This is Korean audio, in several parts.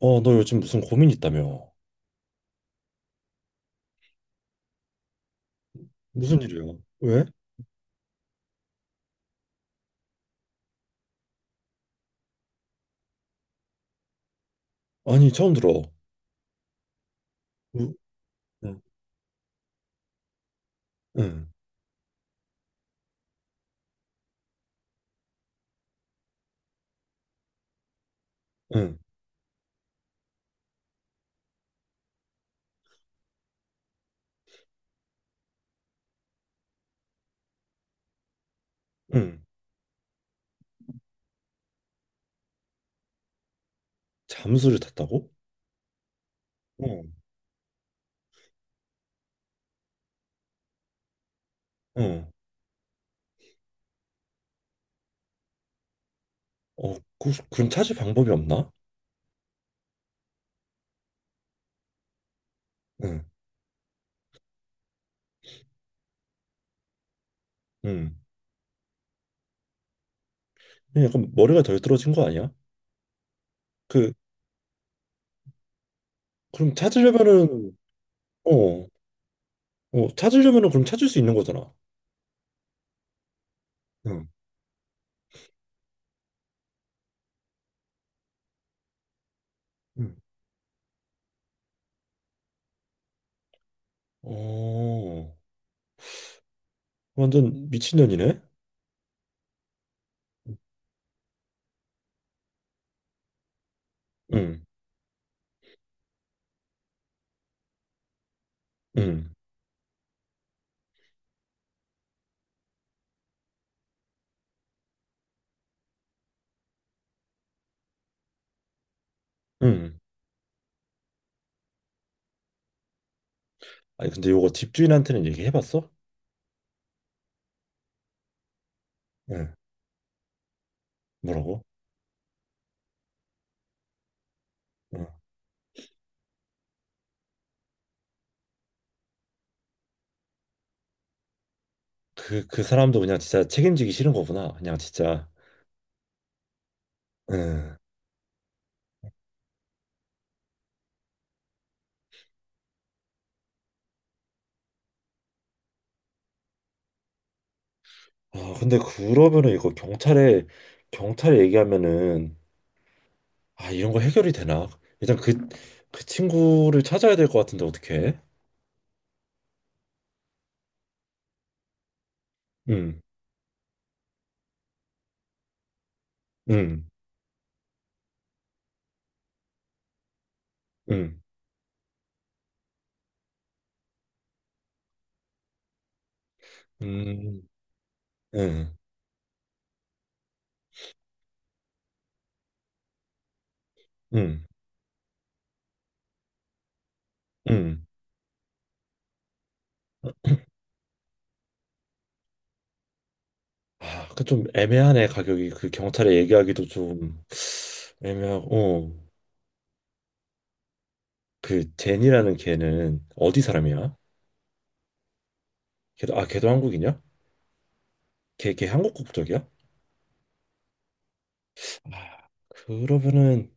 어, 너 요즘 무슨 고민 있다며? 무슨 일이야? 왜? 아니, 처음 들어. 우- 응, 응, 응, 응. 잠수를 탔다고? 응, 응. 어, 그럼 찾을 방법이 없나? 응, 응. 그냥 약간 머리가 덜 떨어진 거 아니야? 그, 그럼 찾으려면은, 어, 찾으려면은 그럼 찾을 수 있는 거잖아. 응, 응. 어, 완전 미친년이네? 응, 응, 응. 아니, 근데 요거 집주인한테는 얘기해봤어? 응, 뭐라고? 응. 그 사람도 그냥 진짜 책임지기 싫은 거구나. 그냥 진짜. 응. 아, 근데 그러면은 경찰에 얘기하면은, 아, 이런 거 해결이 되나? 일단 그, 그 친구를 찾아야 될 것 같은데, 어떡해? 응, 응, 응, 응, 응, 응, 응. 아, 그 좀 애매하네, 가격이. 그 경찰에 얘기하기도 좀 애매하고. 어. 그, 제니라는 걔는 어디 사람이야? 걔도, 아, 걔도 한국이냐? 걔 한국 국적이야? 아, 그러면은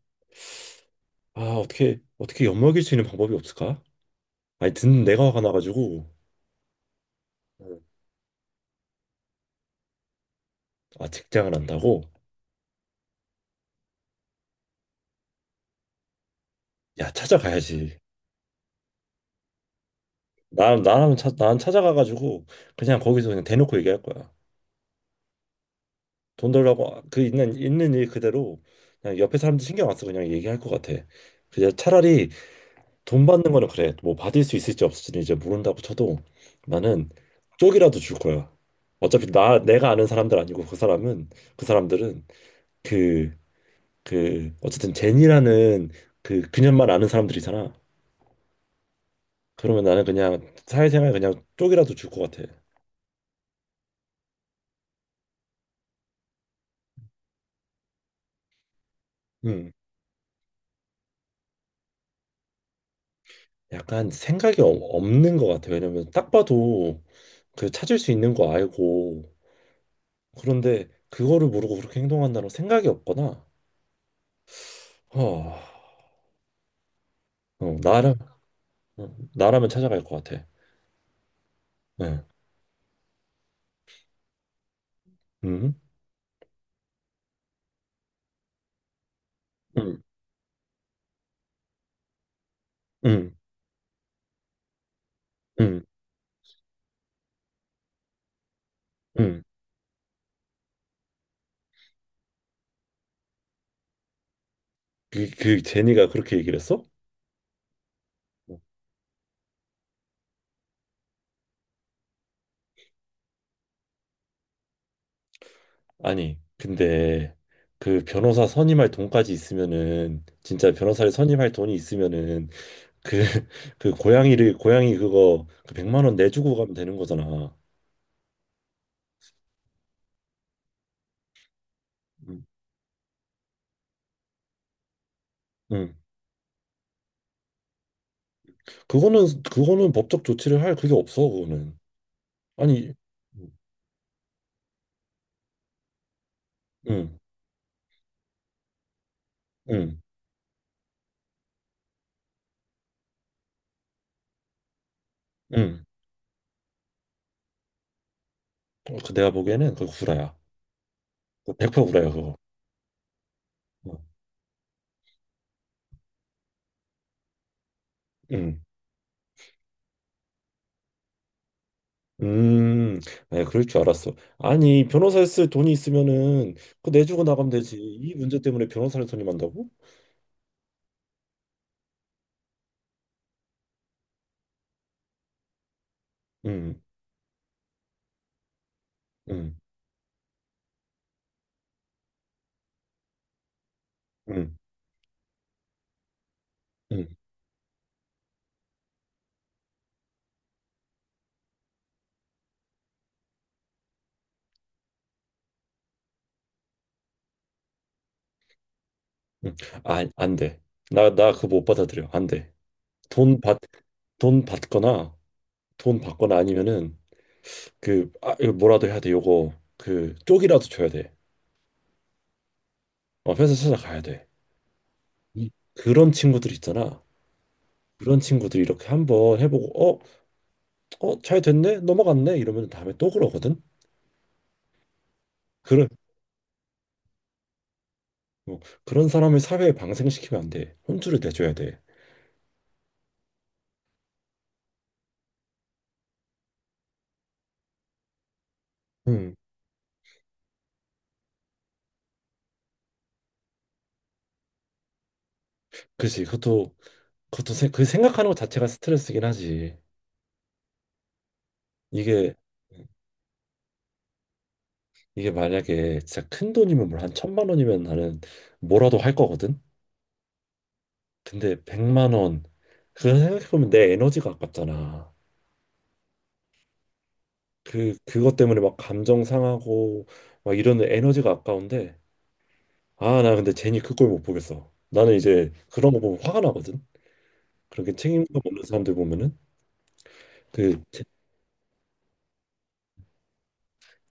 아 어떻게 어떻게 엿먹일 수 있는 방법이 없을까? 아니, 듣는 내가 화가 나가지고. 음. 아, 직장을 한다고? 야, 찾아가야지. 난 찾아가가지고 그냥 거기서 그냥 대놓고 얘기할 거야. 돈 달라고. 그 있는 일 그대로 그냥 옆에 사람들 신경 안 쓰고 그냥 얘기할 것 같아. 그냥 차라리 돈 받는 거는 그래, 뭐 받을 수 있을지 없을지는 이제 모른다고 쳐도, 나는 쪽이라도 줄 거야. 어차피 나 내가 아는 사람들 아니고 그 사람은 그 사람들은 그 어쨌든 제니라는 그 그녀만 아는 사람들이잖아. 그러면 나는 그냥 사회생활 그냥 쪽이라도 줄 것 같아. 음, 약간 생각이 없는 것 같아. 왜냐면 딱 봐도 그 찾을 수 있는 거 알고, 그런데 그거를 모르고 그렇게 행동한다는, 생각이 없거나. 어, 어, 나라 어, 나라면 찾아갈 것 같아. 네. 음, 음, 음, 음, 음. 그 제니가 그렇게 얘기를 했어? 아니, 근데 그 변호사 선임할 돈까지 있으면은 진짜 변호사를 선임할 돈이 있으면은 그 그 고양이를 고양이 그거 그 100만 원 내주고 가면 되는 거잖아. 음. 응. 그거는 법적 조치를 할 그게 없어, 그거는. 아니, 음. 응, 응, 응. 어, 그 내가 보기에는 그 구라야. 100% 구라야, 그거. 응. 음, 에 그럴 줄 알았어. 아니, 변호사 에 쓸 돈이 있으면은 그거 내주고 나가면 되지. 이 문제 때문에 변호사를 선임한다고? 음, 음, 음, 음, 음. 아, 안 돼. 나 그거 못 받아들여. 안 돼. 돈 받, 돈 받거나 돈 받거나 아니면은, 아, 이거 뭐라도 해야 돼. 요거 그 쪽이라도 줘야 돼. 어, 회사 찾아가야 돼. 이, 그런 친구들 있잖아. 그런 친구들 이렇게 한번 해보고 잘 됐네, 넘어갔네 이러면 다음에 또 그러거든. 어, 그런 사람을 사회에 방생시키면 안 돼. 혼쭐을 내줘야 돼. 응. 그치. 그 생각하는 것 자체가 스트레스긴 하지. 이게, 이게 만약에 진짜 큰 돈이면, 뭘 한 천만 원이면 나는 뭐라도 할 거거든? 근데 100만 원, 그거 생각해보면 내 에너지가 아깝잖아. 그것 때문에 막 감정 상하고 막 이러는 에너지가 아까운데, 아, 나 근데 제니 그 꼴 못 보겠어. 나는 이제 그런 거 보면 화가 나거든? 그렇게 책임감 없는 사람들 보면은. 그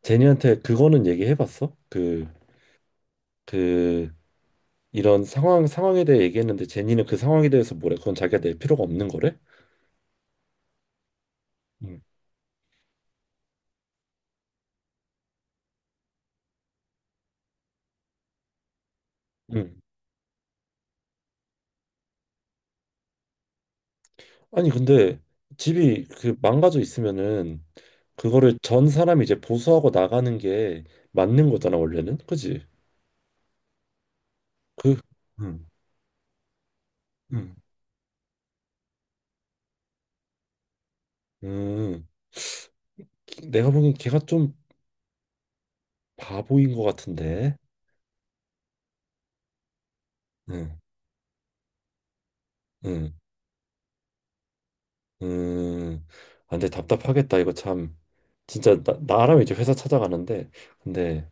제니한테 그거는 얘기해봤어? 그, 이런 상황에 대해 얘기했는데 제니는 그 상황에 대해서 뭐래? 그건 자기가 낼 필요가 없는 거래? 응. 응. 아니, 근데 집이 그 망가져 있으면은 그거를 전 사람이 이제 보수하고 나가는 게 맞는 거잖아, 원래는. 그지? 그, 응, 응, 응. 내가 보기엔 걔가 좀 바보인 것 같은데. 응, 응. 음, 아, 근데 답답하겠다. 이거 참. 진짜 나라면 이제 회사 찾아가는데, 근데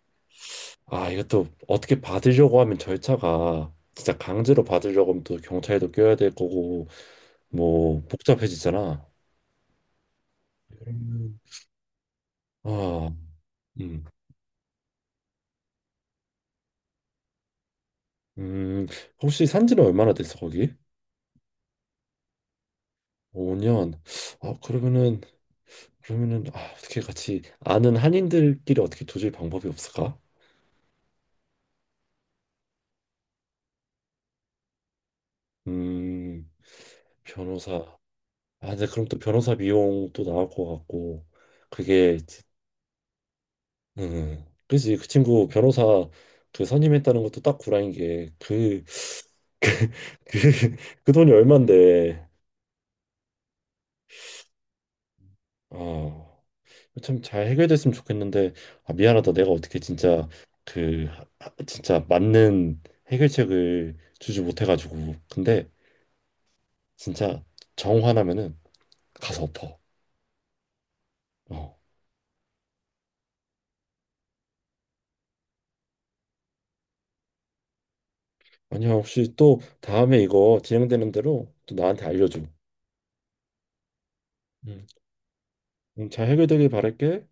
아, 이것도 어떻게 받으려고 하면 절차가, 진짜 강제로 받으려고 하면 또 경찰도 껴야 될 거고 뭐 복잡해지잖아. 음. 아, 음, 음, 혹시 산지는 얼마나 됐어 거기? 5년. 아, 그러면은 그러면은 아, 어떻게 같이 아는 한인들끼리 어떻게 조질 방법이 없을까? 음, 변호사. 아, 근데 그럼 또 변호사 비용 또 나올 것 같고, 그게, 이제- 그지. 그 친구 변호사 그 선임했다는 것도 딱 구라인 게, 그, 그, 그 돈이 얼만데. 아, 참 잘 해결됐으면 좋겠는데, 아, 미안하다. 내가 어떻게 진짜 그, 진짜 맞는 해결책을 주지 못해가지고. 근데 진짜 정 화나면은 가서 엎어. 어. 아니야, 혹시 또 다음에 이거 진행되는 대로 또 나한테 알려줘. 음. 잘 해결되길 바랄게.